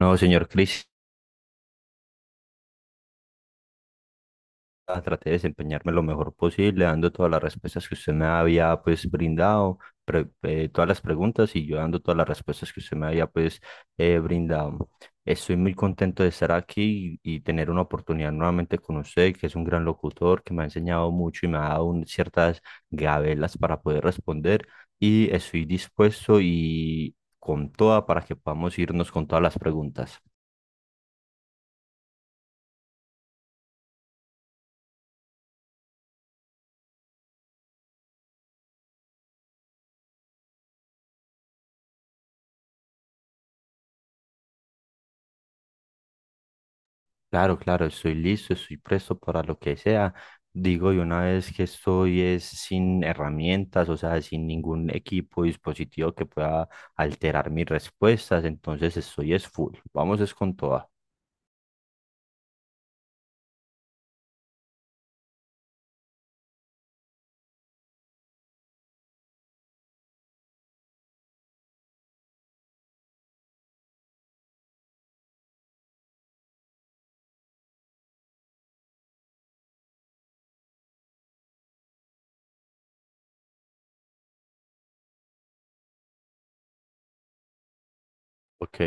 No, señor Cris, traté de desempeñarme lo mejor posible, dando todas las respuestas que usted me había pues brindado, todas las preguntas y yo dando todas las respuestas que usted me había pues brindado. Estoy muy contento de estar aquí y tener una oportunidad nuevamente con usted, que es un gran locutor, que me ha enseñado mucho y me ha dado ciertas gabelas para poder responder y estoy dispuesto y con toda para que podamos irnos con todas las preguntas. Claro, claro, estoy listo, estoy presto para lo que sea. Digo, y una vez que estoy es sin herramientas, o sea, sin ningún equipo, dispositivo que pueda alterar mis respuestas, entonces estoy es full. Vamos es con toda. Ok,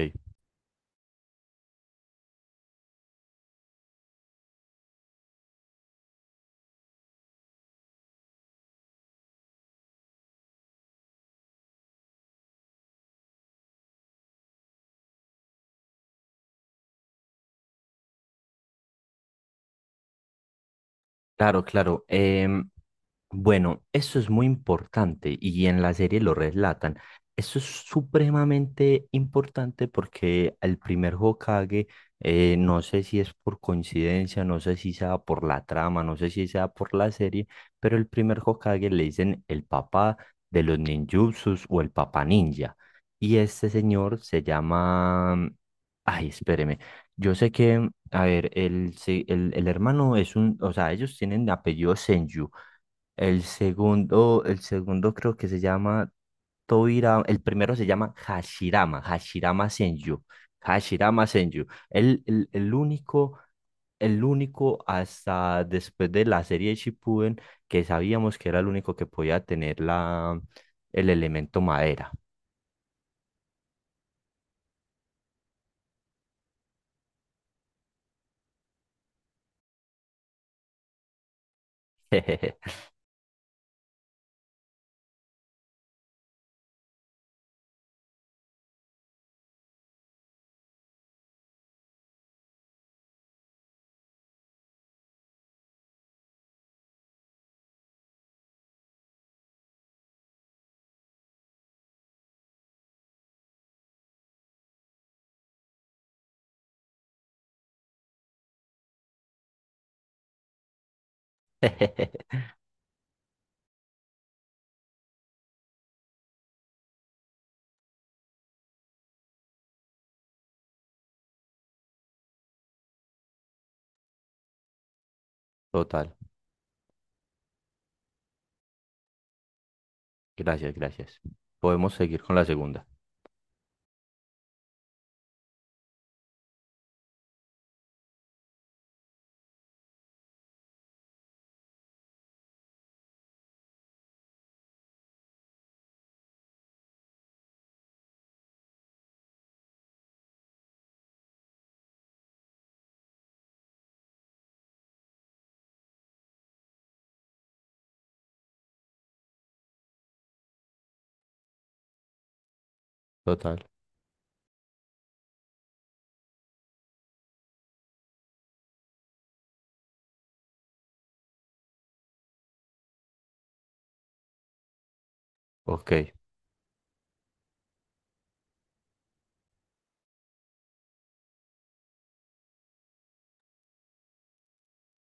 claro, claro. Bueno, eso es muy importante y en la serie lo relatan. Eso es supremamente importante porque el primer Hokage, no sé si es por coincidencia, no sé si sea por la trama, no sé si sea por la serie, pero el primer Hokage le dicen el papá de los ninjutsus o el papá ninja. Y este señor se llama... Ay, espéreme. Yo sé que, a ver, el hermano es un, o sea, ellos tienen apellido Senju. El segundo creo que se llama Toira, el primero se llama Hashirama, Hashirama Senju. Hashirama Senju. El único, el único hasta después de la serie de Shippuden que sabíamos que era el único que podía tener la, el elemento madera. Total. Gracias, gracias. Podemos seguir con la segunda. Total. Ok,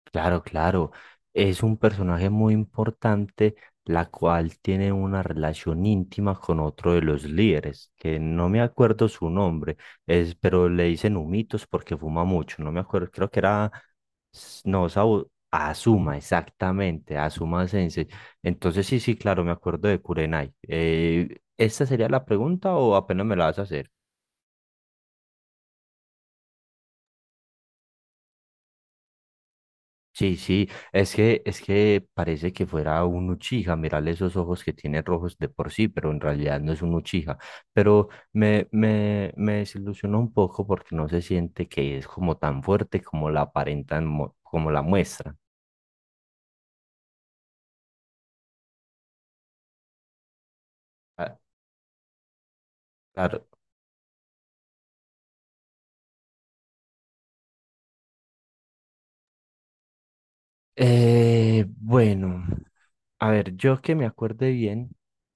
claro, claro. Es un personaje muy importante, la cual tiene una relación íntima con otro de los líderes, que no me acuerdo su nombre, es, pero le dicen humitos porque fuma mucho. No me acuerdo, creo que era, s- no, Sabu- Azuma, exactamente, Azuma Sensei. Entonces, sí, sí, claro, me acuerdo de Kurenai. ¿Esta sería la pregunta o apenas me la vas a hacer? Sí, sí, es que parece que fuera un Uchiha, mirarle esos ojos que tiene rojos de por sí, pero en realidad no es un Uchiha. Pero me desilusionó un poco porque no se siente que es como tan fuerte como la aparentan, como la muestra. Ah, claro. Bueno. A ver, yo que me acuerde bien,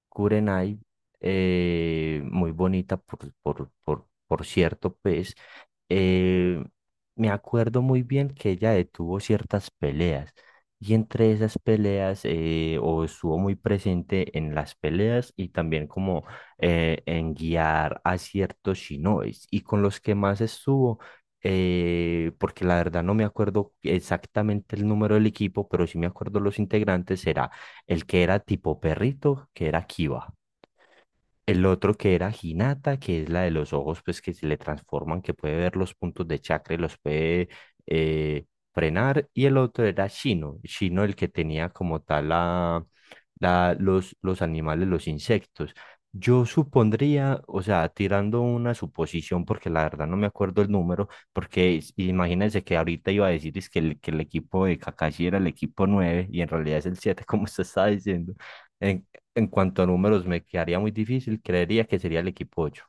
Kurenai, muy bonita por cierto, pues, eh, me acuerdo muy bien que ella detuvo ciertas peleas y entre esas peleas, o estuvo muy presente en las peleas y también como en guiar a ciertos shinobis y con los que más estuvo. Porque la verdad no me acuerdo exactamente el número del equipo, pero sí me acuerdo los integrantes, será el que era tipo perrito, que era Kiba. El otro que era Hinata, que es la de los ojos, pues que se le transforman, que puede ver los puntos de chakra y los puede eh, frenar. Y el otro era Shino, Shino el que tenía como tal la, los animales, los insectos. Yo supondría, o sea, tirando una suposición, porque la verdad no me acuerdo el número, porque imagínense que ahorita iba a decir es que el equipo de Kakashi era el equipo 9 y en realidad es el 7 como usted estaba diciendo. En cuanto a números, me quedaría muy difícil. Creería que sería el equipo ocho.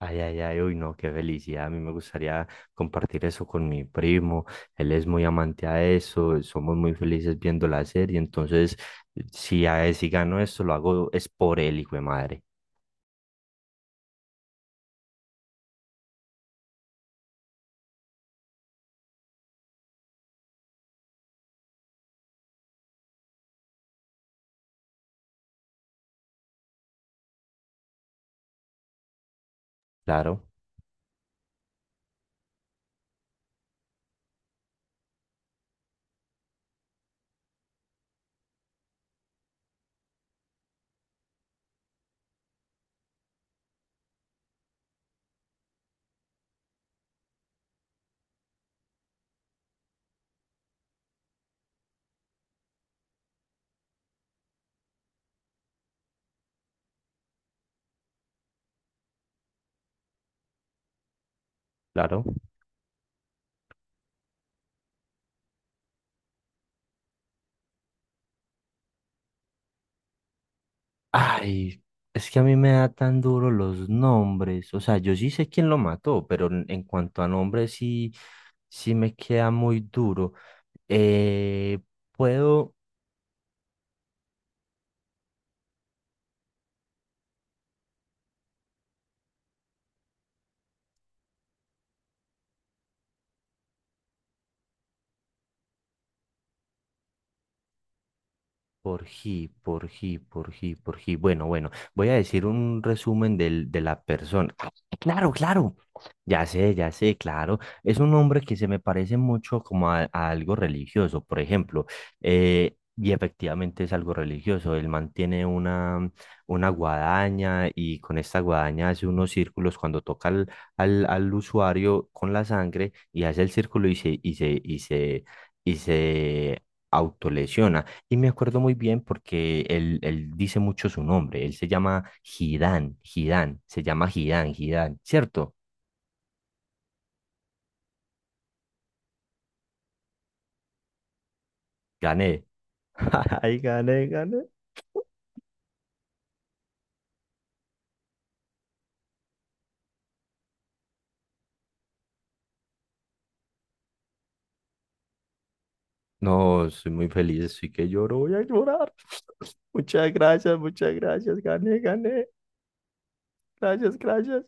Ay, ay, ay, uy, no, qué felicidad. A mí me gustaría compartir eso con mi primo. Él es muy amante a eso. Somos muy felices viendo la serie. Entonces, si, a él, si gano esto, lo hago es por él, hijo de madre. Claro, claro. Ay, es que a mí me da tan duro los nombres. O sea, yo sí sé quién lo mató, pero en cuanto a nombres, sí, sí me queda muy duro. Eh, Puedo. Por G, por G, por G, por G. Bueno, bueno, voy a decir un resumen del, de la persona. Ah, claro, claro. Ya sé, claro. Es un hombre que se me parece mucho como a algo religioso, por ejemplo. Y efectivamente es algo religioso. Él mantiene una guadaña y con esta guadaña hace unos círculos cuando toca al, al usuario con la sangre y hace el círculo y se autolesiona. Y me acuerdo muy bien porque él dice mucho su nombre. Él se llama Gidán, Gidán, se llama Gidán, Gidán, ¿cierto? Gané. Ay, gané, gané. No, soy muy feliz, estoy que lloro, voy a llorar. Muchas gracias, gané, gané. Gracias, gracias.